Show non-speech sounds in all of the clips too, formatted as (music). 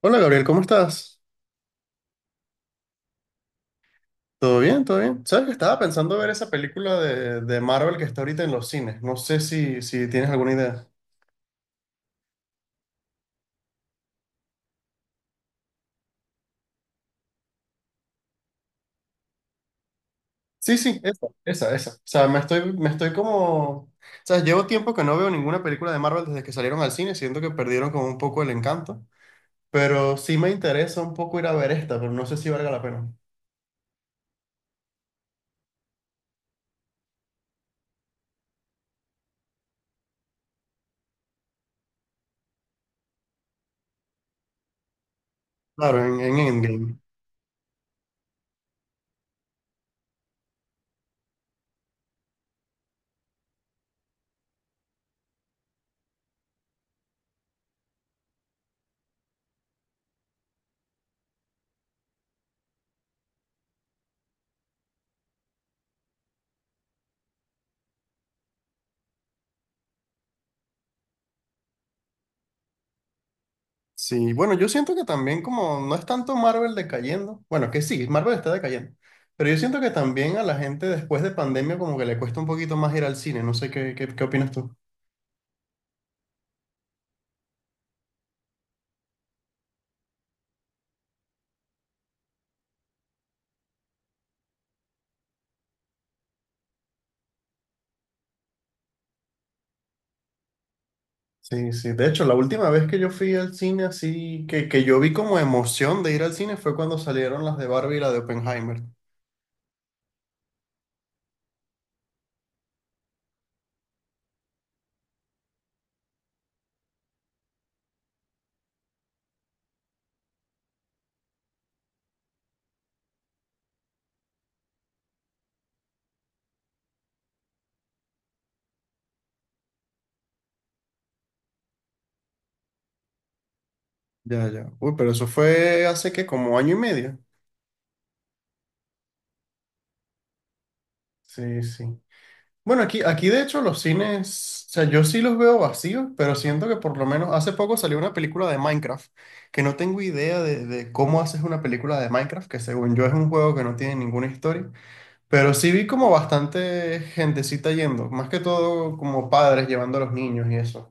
Hola Gabriel, ¿cómo estás? ¿Todo bien? ¿Todo bien? Sabes que estaba pensando ver esa película de Marvel que está ahorita en los cines. No sé si tienes alguna idea. Sí, sí, esa, esa, esa. O sea, me estoy como... sabes, llevo tiempo que no veo ninguna película de Marvel desde que salieron al cine. Siento que perdieron como un poco el encanto. Pero sí me interesa un poco ir a ver esta, pero no sé si valga la pena. Claro, en Endgame. Sí, bueno, yo siento que también como no es tanto Marvel decayendo, bueno, que sí, Marvel está decayendo, pero yo siento que también a la gente después de pandemia como que le cuesta un poquito más ir al cine, no sé qué, qué opinas tú. Sí, sí, de hecho, la última vez que yo fui al cine así, que yo vi como emoción de ir al cine fue cuando salieron las de Barbie y la de Oppenheimer. Ya, ya. Uy, pero eso fue hace que como año y medio. Sí, sí. Bueno, aquí de hecho los cines, o sea, yo sí los veo vacíos, pero siento que por lo menos hace poco salió una película de Minecraft, que no tengo idea de cómo haces una película de Minecraft, que según yo es un juego que no tiene ninguna historia, pero sí vi como bastante gentecita yendo, más que todo como padres llevando a los niños y eso.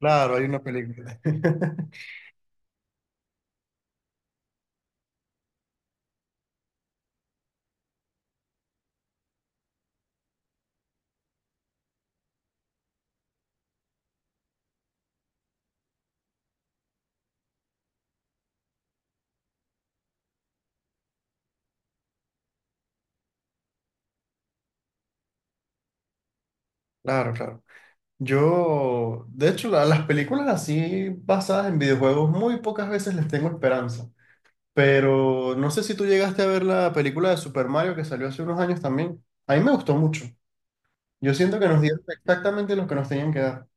Claro, hay una película. (laughs) Claro, claro. Yo, de hecho, las películas así basadas en videojuegos muy pocas veces les tengo esperanza. Pero no sé si tú llegaste a ver la película de Super Mario que salió hace unos años también. A mí me gustó mucho. Yo siento que nos dieron exactamente lo que nos tenían que dar.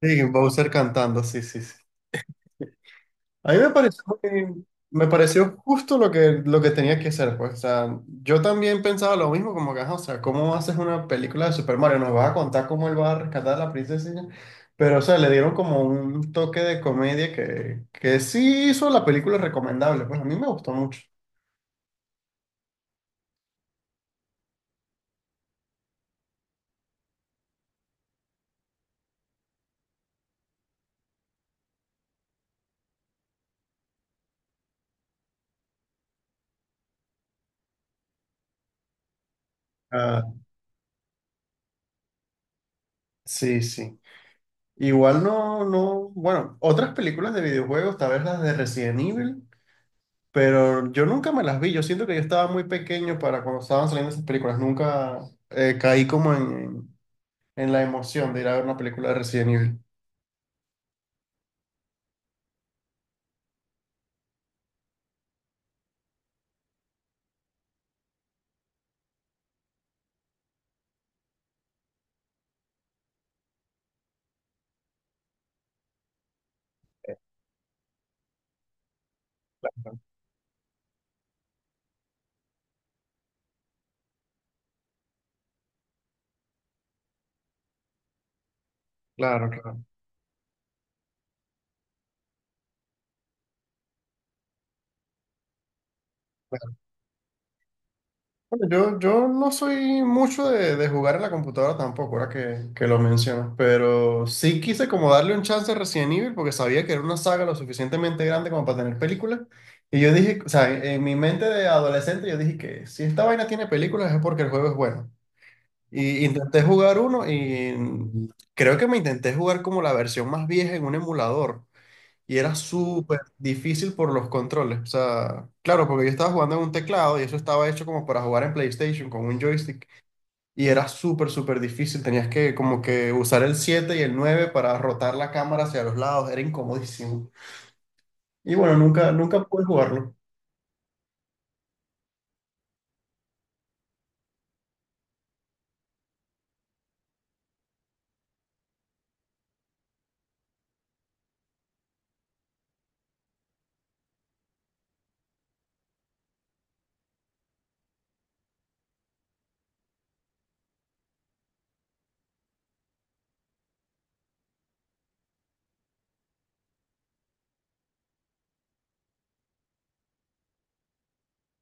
Sí, Bowser cantando, sí, sí, sí. A mí me pareció, me pareció justo lo que tenía que ser, pues. O sea, yo también pensaba lo mismo, como que, ajá, o sea, ¿cómo haces una película de Super Mario? ¿Nos vas a contar cómo él va a rescatar a la princesa y ya? Pero, o sea, le dieron como un toque de comedia que sí hizo la película recomendable. Pues a mí me gustó mucho. Ah, sí, sí. Igual no, no, bueno, otras películas de videojuegos, tal vez las de Resident Evil, pero yo nunca me las vi. Yo siento que yo estaba muy pequeño para cuando estaban saliendo esas películas. Nunca caí como en la emoción de ir a ver una película de Resident Evil. Claro, claro. Bueno, Yo no soy mucho de jugar en la computadora tampoco, ahora que lo mencionas, pero sí quise como darle un chance a Resident Evil porque sabía que era una saga lo suficientemente grande como para tener películas. Y yo dije, o sea, en mi mente de adolescente yo dije que si esta vaina tiene películas es porque el juego es bueno. Y intenté jugar uno y creo que me intenté jugar como la versión más vieja en un emulador. Y era súper difícil por los controles. O sea, claro, porque yo estaba jugando en un teclado y eso estaba hecho como para jugar en PlayStation con un joystick. Y era súper, súper difícil. Tenías que como que usar el 7 y el 9 para rotar la cámara hacia los lados. Era incomodísimo. Y bueno, nunca, nunca pude jugarlo.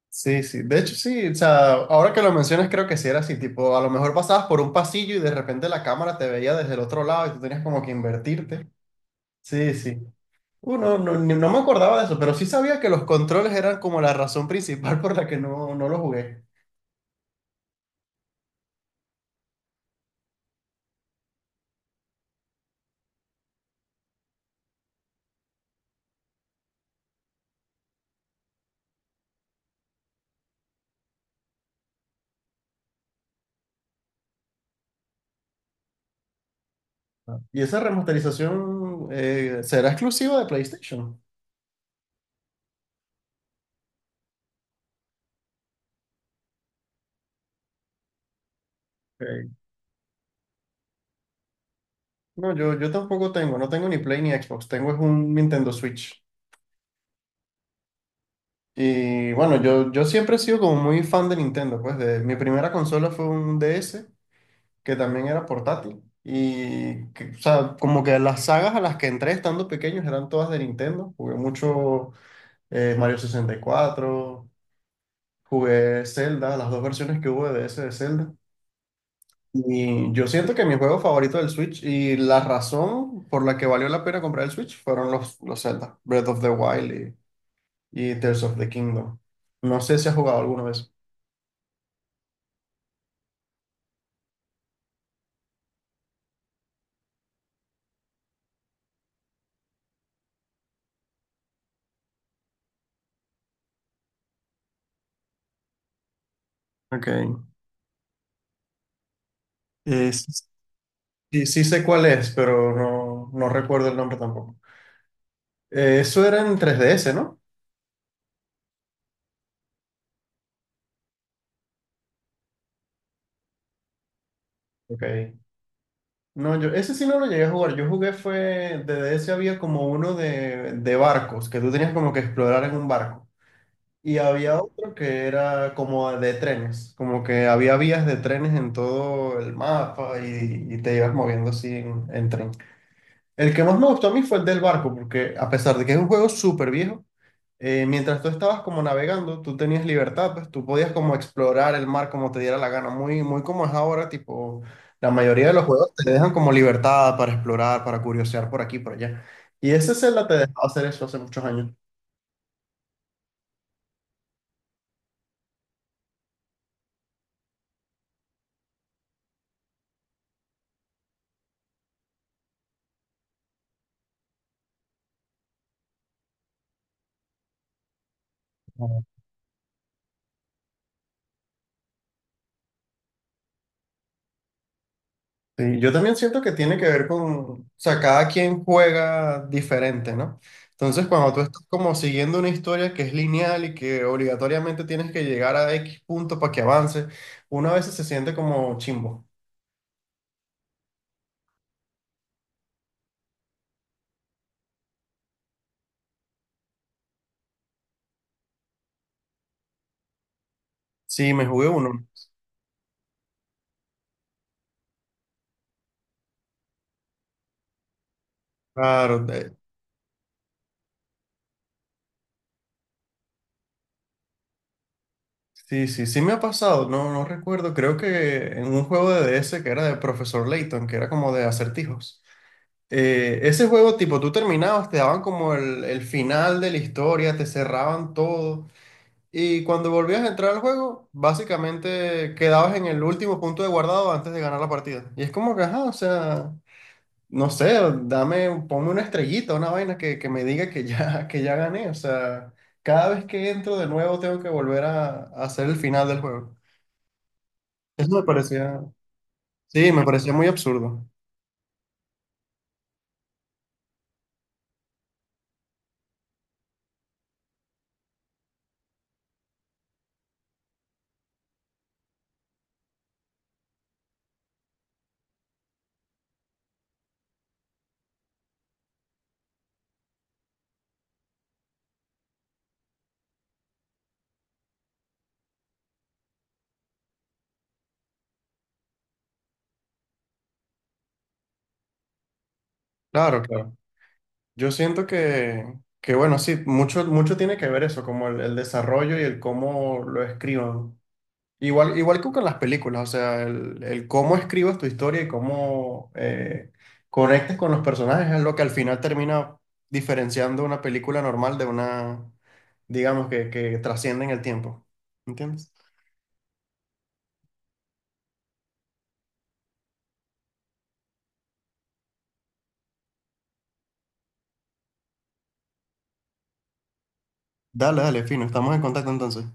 Sí, sí. De hecho, sí. O sea, ahora que lo mencionas, creo que sí era así. Tipo, a lo mejor pasabas por un pasillo y de repente la cámara te veía desde el otro lado y tú tenías como que invertirte. Sí, sí. No, no, no me acordaba de eso, pero sí sabía que los controles eran como la razón principal por la que no, no lo jugué. Ah, ¿y esa remasterización será exclusiva de PlayStation? Ok. No, yo tampoco tengo, no tengo ni Play ni Xbox, tengo es un Nintendo Switch. Y bueno, yo siempre he sido como muy fan de Nintendo, pues de, mi primera consola fue un DS, que también era portátil. Y, que, o sea, como que las sagas a las que entré estando pequeños eran todas de Nintendo. Jugué mucho Mario 64, jugué Zelda, las dos versiones que hubo de ese de Zelda. Y yo siento que mi juego favorito del Switch y la razón por la que valió la pena comprar el Switch fueron los Zelda, Breath of the Wild y Tears of the Kingdom. No sé si has jugado alguna vez. Ok. S- sí, sí sé cuál es, pero no, no recuerdo el nombre tampoco. Eso era en 3DS, ¿no? Ok. No, yo ese sí no lo llegué a jugar. De DS había como uno de barcos, que tú tenías como que explorar en un barco. Y había otro que era como de trenes, como que había vías de trenes en todo el mapa y te ibas moviendo así en tren. El que más me gustó a mí fue el del barco, porque a pesar de que es un juego súper viejo, mientras tú estabas como navegando, tú tenías libertad, pues tú podías como explorar el mar como te diera la gana, muy, muy como es ahora, tipo, la mayoría de los juegos te dejan como libertad para explorar, para curiosear por aquí, y por allá. Y ese Zelda te dejaba hacer eso hace muchos años. Sí, yo también siento que tiene que ver con, o sea, cada quien juega diferente, ¿no? Entonces, cuando tú, claro, estás como siguiendo una historia que es lineal y que obligatoriamente tienes que llegar a X punto para que avance, uno a veces se siente como chimbo. Sí, me jugué uno. Claro, de- sí, sí, sí me ha pasado, no, no recuerdo, creo que en un juego de DS que era de Profesor Layton, que era como de acertijos. Ese juego, tipo, tú terminabas, te daban como el final de la historia, te cerraban todo. Y cuando volvías a entrar al juego, básicamente quedabas en el último punto de guardado antes de ganar la partida. Y es como que, ajá, o sea, no sé, dame, ponme una estrellita, una vaina que me diga que ya, (laughs) que ya gané. O sea, cada vez que entro de nuevo tengo que volver a hacer el final del juego. Eso me parecía, sí, me parecía muy absurdo. Claro, claro. Yo siento que bueno, sí, mucho, mucho tiene que ver eso, como el desarrollo y el cómo lo escriban. Igual, igual que con las películas, o sea, el cómo escribas tu historia y cómo conectas con los personajes es lo que al final termina diferenciando una película normal de una, digamos, que trasciende en el tiempo. ¿Entiendes? Dale, dale, fino, estamos en contacto entonces.